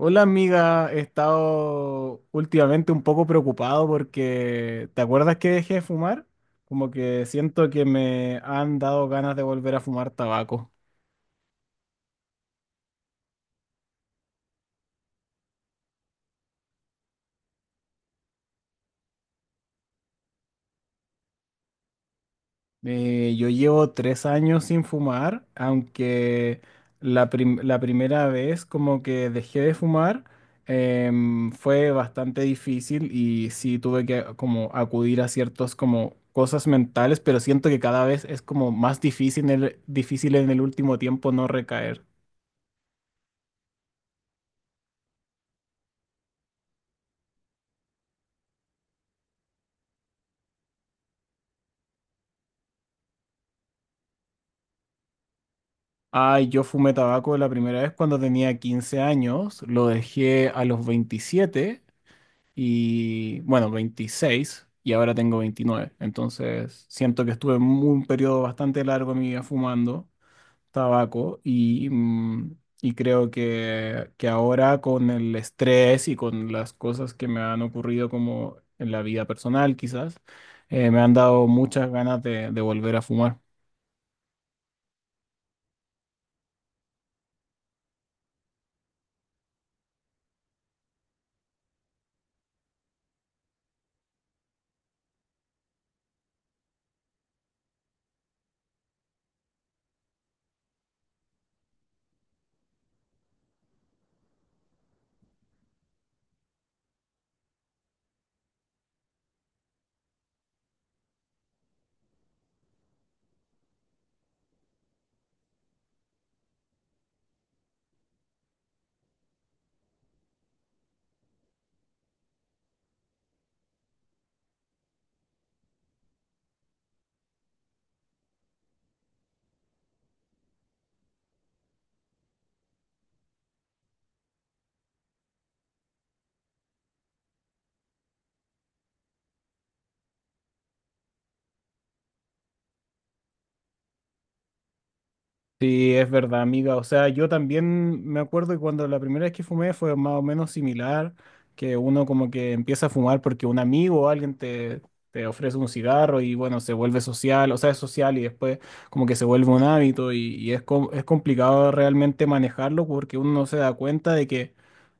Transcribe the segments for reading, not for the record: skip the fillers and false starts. Hola amiga, he estado últimamente un poco preocupado porque, ¿te acuerdas que dejé de fumar? Como que siento que me han dado ganas de volver a fumar tabaco. Yo llevo 3 años sin fumar, aunque la primera vez como que dejé de fumar fue bastante difícil y sí tuve que como acudir a ciertos como cosas mentales, pero siento que cada vez es como más difícil en el último tiempo no recaer. Ay, yo fumé tabaco la primera vez cuando tenía 15 años, lo dejé a los 27. Y bueno, 26, y ahora tengo 29. Entonces siento que estuve en un periodo bastante largo de mi vida fumando tabaco y creo que ahora con el estrés y con las cosas que me han ocurrido como en la vida personal quizás, me han dado muchas ganas de volver a fumar. Sí, es verdad, amiga. O sea, yo también me acuerdo que cuando la primera vez que fumé fue más o menos similar, que uno como que empieza a fumar porque un amigo o alguien te ofrece un cigarro y bueno, se vuelve social, o sea, es social y después como que se vuelve un hábito y es complicado realmente manejarlo porque uno no se da cuenta de que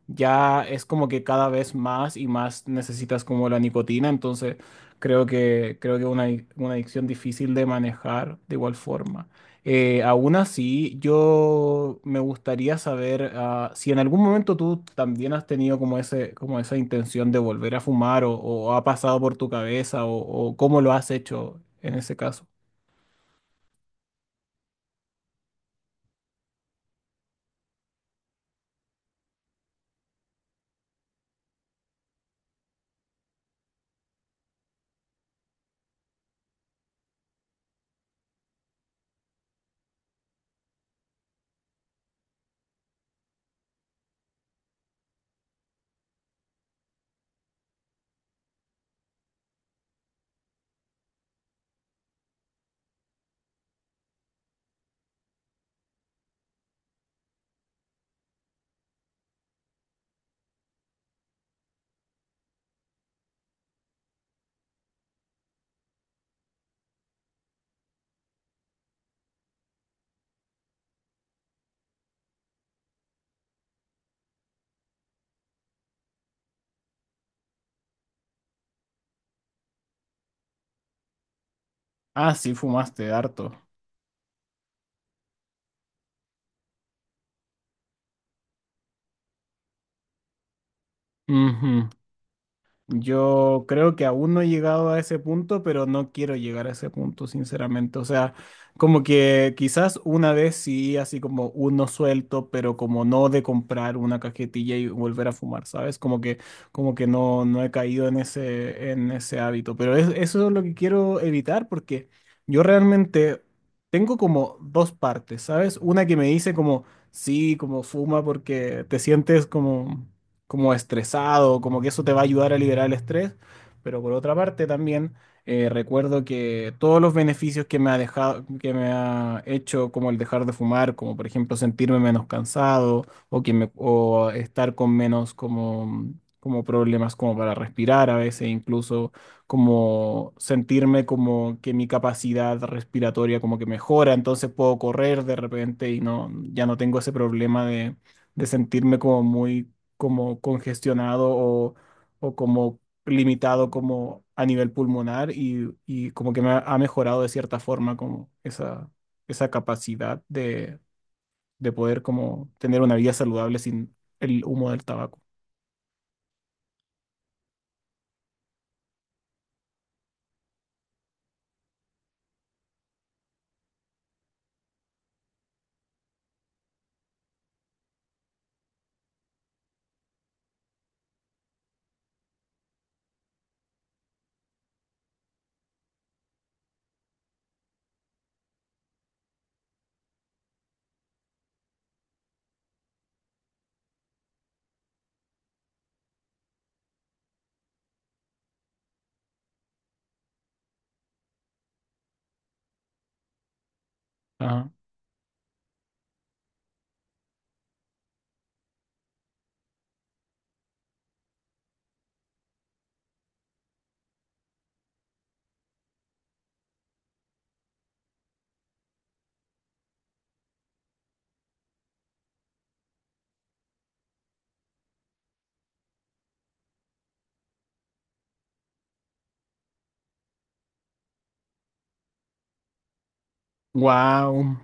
ya es como que cada vez más y más necesitas como la nicotina, entonces creo que una adicción difícil de manejar de igual forma. Aún así, yo me gustaría saber, si en algún momento tú también has tenido como ese, como esa intención de volver a fumar o ha pasado por tu cabeza o cómo lo has hecho en ese caso. Ah, sí, fumaste harto. Ujú. Yo creo que aún no he llegado a ese punto, pero no quiero llegar a ese punto, sinceramente. O sea, como que quizás una vez sí, así como uno suelto, pero como no de comprar una cajetilla y volver a fumar, ¿sabes? Como que no, no he caído en ese hábito. Pero eso es lo que quiero evitar porque yo realmente tengo como dos partes, ¿sabes? Una que me dice como, sí, como fuma porque te sientes como estresado, como que eso te va a ayudar a liberar el estrés, pero por otra parte también recuerdo que todos los beneficios que me ha dejado, que me ha hecho, como el dejar de fumar, como por ejemplo sentirme menos cansado o, o estar con menos como problemas como para respirar a veces, incluso como sentirme como que mi capacidad respiratoria como que mejora, entonces puedo correr de repente y no, ya no tengo ese problema de sentirme como muy como congestionado o como limitado como a nivel pulmonar y como que me ha mejorado de cierta forma como esa capacidad de poder como tener una vida saludable sin el humo del tabaco. Ajá. Wow.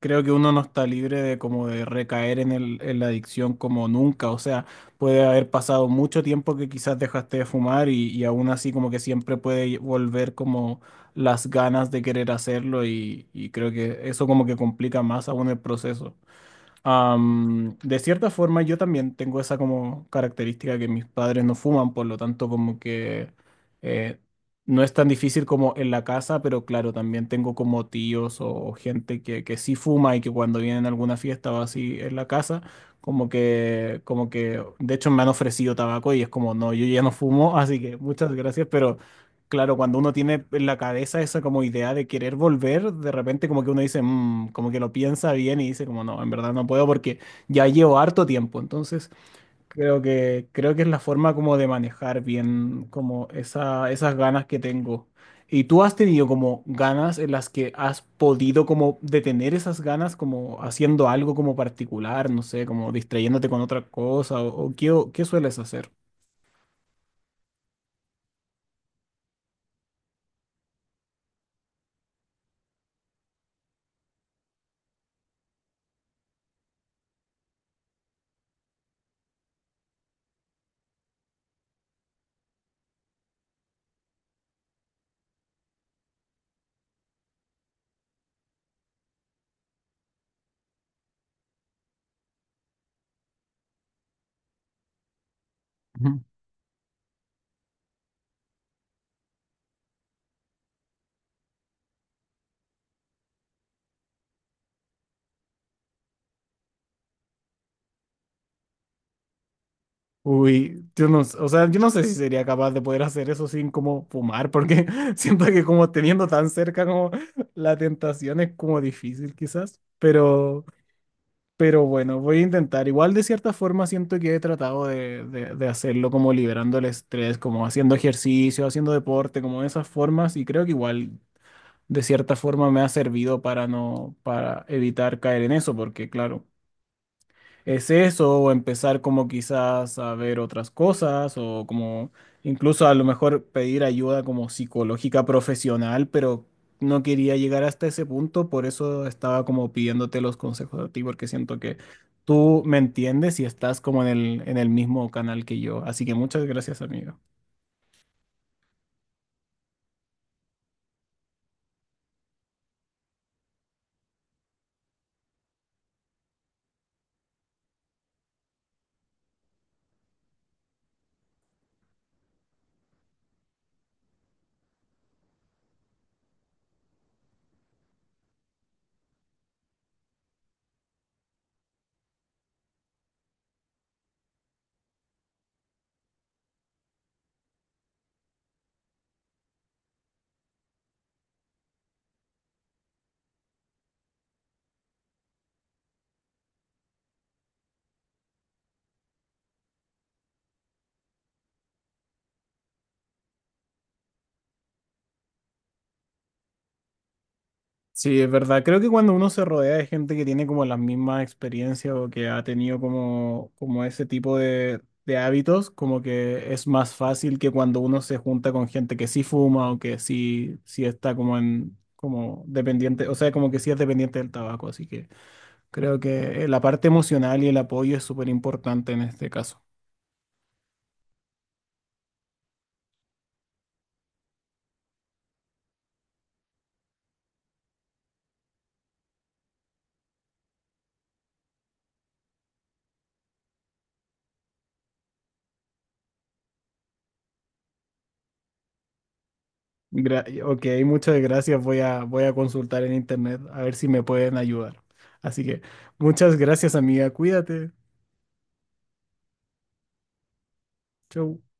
Creo que uno no está libre de como de recaer en la adicción como nunca. O sea, puede haber pasado mucho tiempo que quizás dejaste de fumar y aún así como que siempre puede volver como las ganas de querer hacerlo y creo que eso como que complica más aún el proceso. De cierta forma, yo también tengo esa como característica que mis padres no fuman, por lo tanto, como que eh, no es tan difícil como en la casa, pero claro, también tengo como tíos o gente que sí fuma y que cuando vienen a alguna fiesta o así en la casa, de hecho, me han ofrecido tabaco y es como, no, yo ya no fumo, así que muchas gracias, pero claro, cuando uno tiene en la cabeza esa como idea de querer volver, de repente como que uno dice, "Mm", como que lo piensa bien y dice como no, en verdad no puedo porque ya llevo harto tiempo. Entonces creo que es la forma como de manejar bien como esa, esas ganas que tengo. ¿Y tú has tenido como ganas en las que has podido como detener esas ganas como haciendo algo como particular, no sé, como distrayéndote con otra cosa o qué sueles hacer? Uy, yo no, o sea, yo no sé si sería capaz de poder hacer eso sin como fumar, porque siento que como teniendo tan cerca como la tentación es como difícil quizás, pero, bueno, voy a intentar. Igual de cierta forma siento que he tratado de hacerlo como liberando el estrés, como haciendo ejercicio, haciendo deporte, como de esas formas, y creo que igual de cierta forma me ha servido para no, para evitar caer en eso, porque claro es eso, o empezar como quizás a ver otras cosas, o como incluso a lo mejor pedir ayuda como psicológica profesional, pero no quería llegar hasta ese punto, por eso estaba como pidiéndote los consejos a ti, porque siento que tú me entiendes y estás como en el mismo canal que yo. Así que muchas gracias, amigo. Sí, es verdad. Creo que cuando uno se rodea de gente que tiene como las mismas experiencias o que ha tenido como, como ese tipo de hábitos, como que es más fácil que cuando uno se junta con gente que sí fuma o que sí, sí está como en, como dependiente, o sea, como que sí es dependiente del tabaco. Así que creo que la parte emocional y el apoyo es súper importante en este caso. Ok, muchas gracias. Voy voy a consultar en internet a ver si me pueden ayudar. Así que muchas gracias, amiga. Cuídate. Chau.